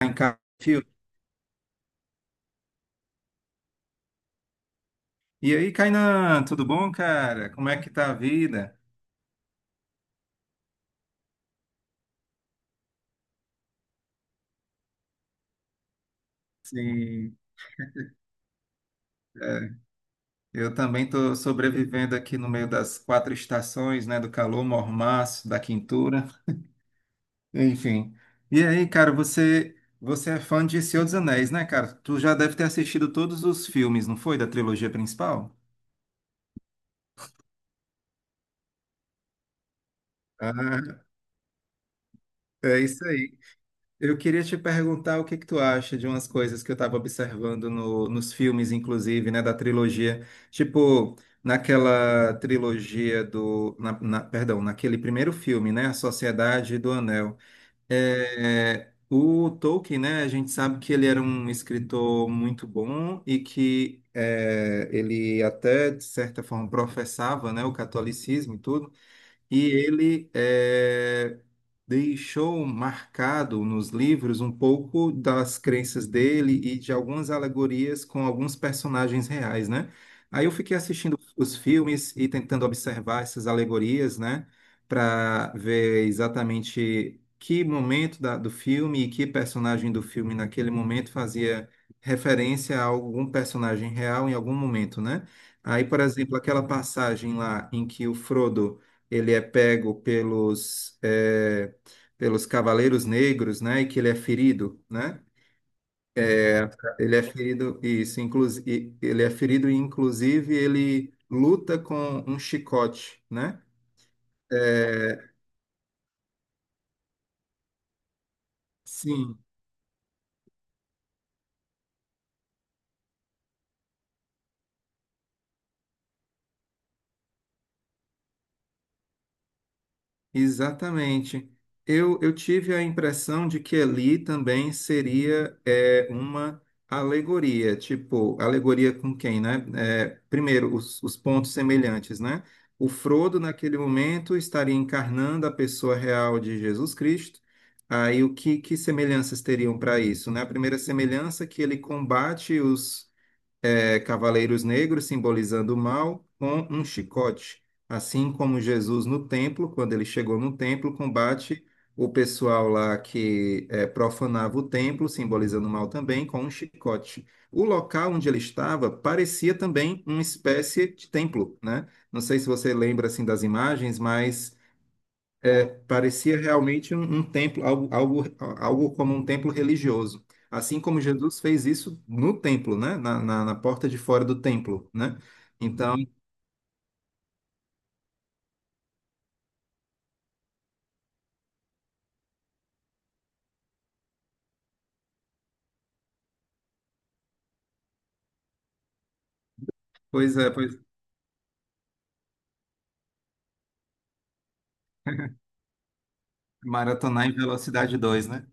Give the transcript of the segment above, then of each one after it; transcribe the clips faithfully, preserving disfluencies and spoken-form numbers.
Em casa, fio. E aí, Kainan, tudo bom, cara? Como é que tá a vida? Sim, é, eu também estou sobrevivendo aqui no meio das quatro estações, né, do calor, mormaço, da quintura, enfim. E aí, cara, você você é fã de Senhor dos Anéis, né, cara? Tu já deve ter assistido todos os filmes, não foi, da trilogia principal? Ah, é isso aí. Eu queria te perguntar o que que tu acha de umas coisas que eu estava observando no- nos filmes, inclusive, né, da trilogia. Tipo, naquela trilogia do... na- na- perdão, naquele primeiro filme, né, A Sociedade do Anel. É, o Tolkien, né, a gente sabe que ele era um escritor muito bom e que é, ele até, de certa forma, professava, né, o catolicismo e tudo. E ele eh, deixou marcado nos livros um pouco das crenças dele e de algumas alegorias com alguns personagens reais, né? Aí eu fiquei assistindo os filmes e tentando observar essas alegorias, né? Para ver exatamente que momento da- do filme e que personagem do filme naquele momento fazia referência a algum personagem real em algum momento, né? Aí, por exemplo, aquela passagem lá em que o Frodo ele é pego pelos, eh, pelos Cavaleiros Negros, né? E que ele é ferido, né? Ele é ferido, isso, inclusive, ele é ferido e, inclusive, ele luta com um chicote, né? Eh, sim, Exatamente. Eu, eu tive a impressão de que ali também seria é, uma alegoria, tipo, alegoria com quem, né? É, primeiro, os, os pontos semelhantes, né? O Frodo, naquele momento, estaria encarnando a pessoa real de Jesus Cristo. Aí, o que, que semelhanças teriam para isso, né? A primeira semelhança é que ele combate os é, cavaleiros negros simbolizando o mal com um chicote, assim como Jesus no templo, quando ele chegou no templo, combate o pessoal lá que é, profanava o templo, simbolizando o mal também, com um chicote. O local onde ele estava parecia também uma espécie de templo, né? Não sei se você lembra assim das imagens, mas parecia realmente um, um templo, algo, algo, algo como um templo religioso. Assim como Jesus fez isso no templo, né? Na, na, na porta de fora do templo, né? Então, pois é, pois, maratonar em velocidade dois, né?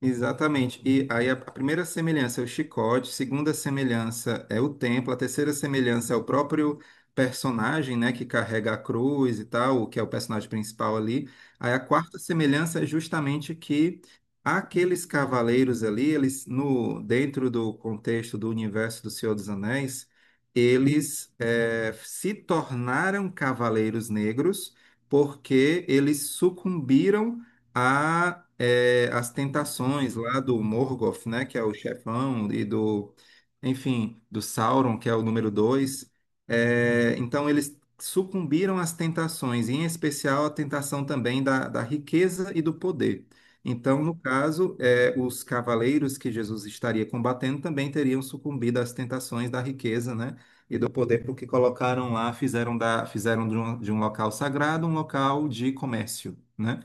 Exatamente. E aí a a primeira semelhança é o chicote, a segunda semelhança é o templo, a terceira semelhança é o próprio personagem, né, que carrega a cruz e tal, que é o personagem principal ali. Aí a quarta semelhança é justamente que aqueles cavaleiros ali, eles no dentro do contexto do universo do Senhor dos Anéis, eles eh, se tornaram cavaleiros negros porque eles sucumbiram a eh, as tentações lá do Morgoth, né, que é o chefão, e do, enfim, do Sauron, que é o número dois. Eh, então eles sucumbiram às tentações, e em especial a tentação também da, da riqueza e do poder. Então, no caso, eh, os cavaleiros que Jesus estaria combatendo também teriam sucumbido às tentações da riqueza, né, e do poder, porque colocaram lá, fizeram da, fizeram de um, de um local sagrado um local de comércio, né?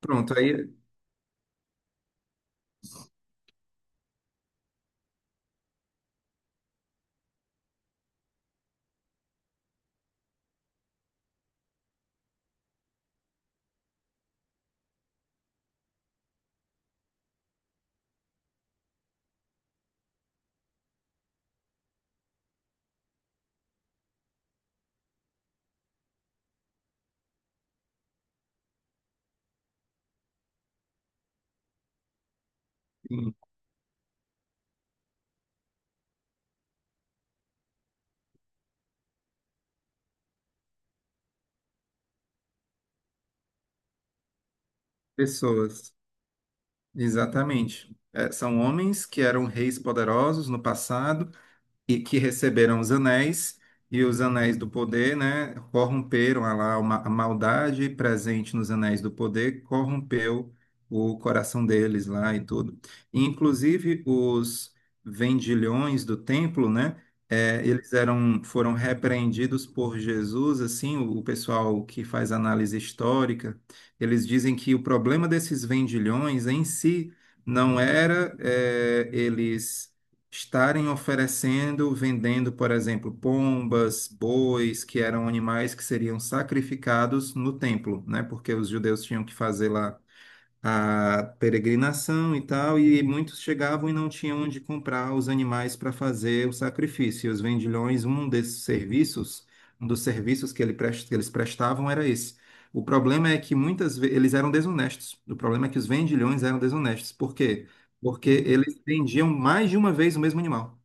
Pronto, aí sim, pessoas, exatamente. É, são homens que eram reis poderosos no passado e que receberam os anéis, e os anéis do poder, né, corromperam a lá uma, a maldade presente nos anéis do poder, corrompeu o coração deles lá e tudo. E, inclusive os vendilhões do templo, né, eh, eles eram, foram repreendidos por Jesus, assim, o, o pessoal que faz análise histórica, eles dizem que o problema desses vendilhões em si não era, eh, eles estarem oferecendo, vendendo, por exemplo, pombas, bois, que eram animais que seriam sacrificados no templo, né? Porque os judeus tinham que fazer lá a peregrinação e tal, e muitos chegavam e não tinham onde comprar os animais para fazer o sacrifício. E os vendilhões, um desses serviços, um dos serviços que, ele pres- que eles prestavam era esse. O problema é que muitas vezes eles eram desonestos. O problema é que os vendilhões eram desonestos. Por quê? Porque eles vendiam mais de uma vez o mesmo animal.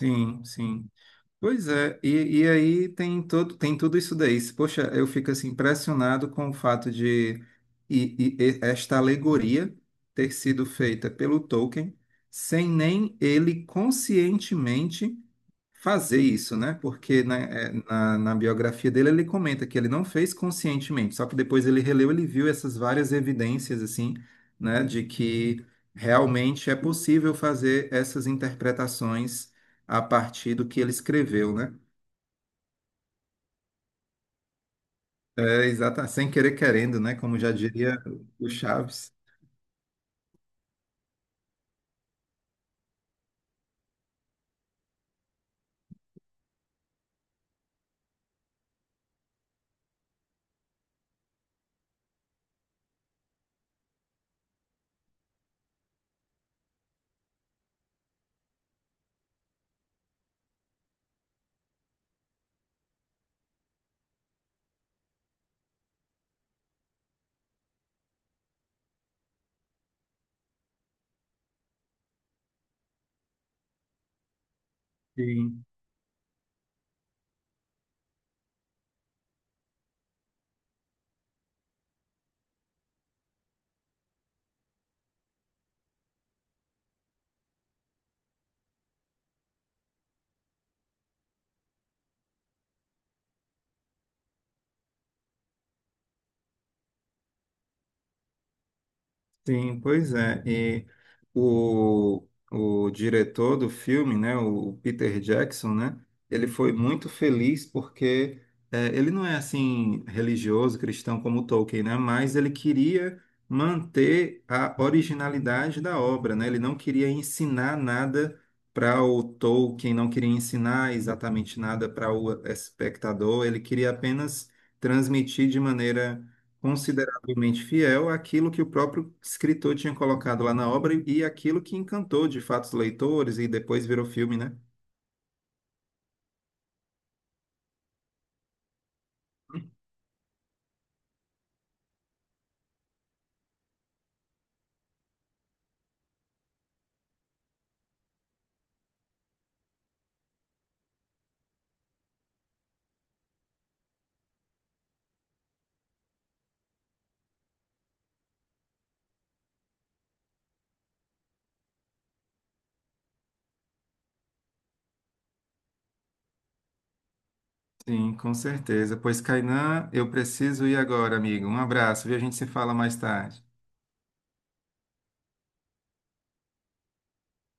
Sim, sim. Pois é, e, e aí tem todo, tem tudo isso daí. Se, poxa, eu fico assim impressionado com o fato de e, e- e esta alegoria ter sido feita pelo Tolkien sem nem ele conscientemente fazer isso, né? Porque na, é, na, na biografia dele ele comenta que ele não fez conscientemente, só que depois ele releu, ele viu essas várias evidências assim, né, de que realmente é possível fazer essas interpretações a partir do que ele escreveu, né? É, exata, sem querer querendo, né? Como já diria o Chaves. Sim. Sim, pois é. E o, o diretor do filme, né, o Peter Jackson, né, ele foi muito feliz porque eh, ele não é assim religioso, cristão como Tolkien, né, mas ele queria manter a originalidade da obra, né? Ele não queria ensinar nada para o Tolkien, não queria ensinar exatamente nada para o espectador, ele queria apenas transmitir de maneira igualmente fiel àquilo que o próprio escritor tinha colocado lá na obra e e aquilo que encantou de fato os leitores e depois virou filme, né? Sim, com certeza. Pois, Kainan, eu preciso ir agora, amigo. Um abraço, viu? A gente se fala mais tarde.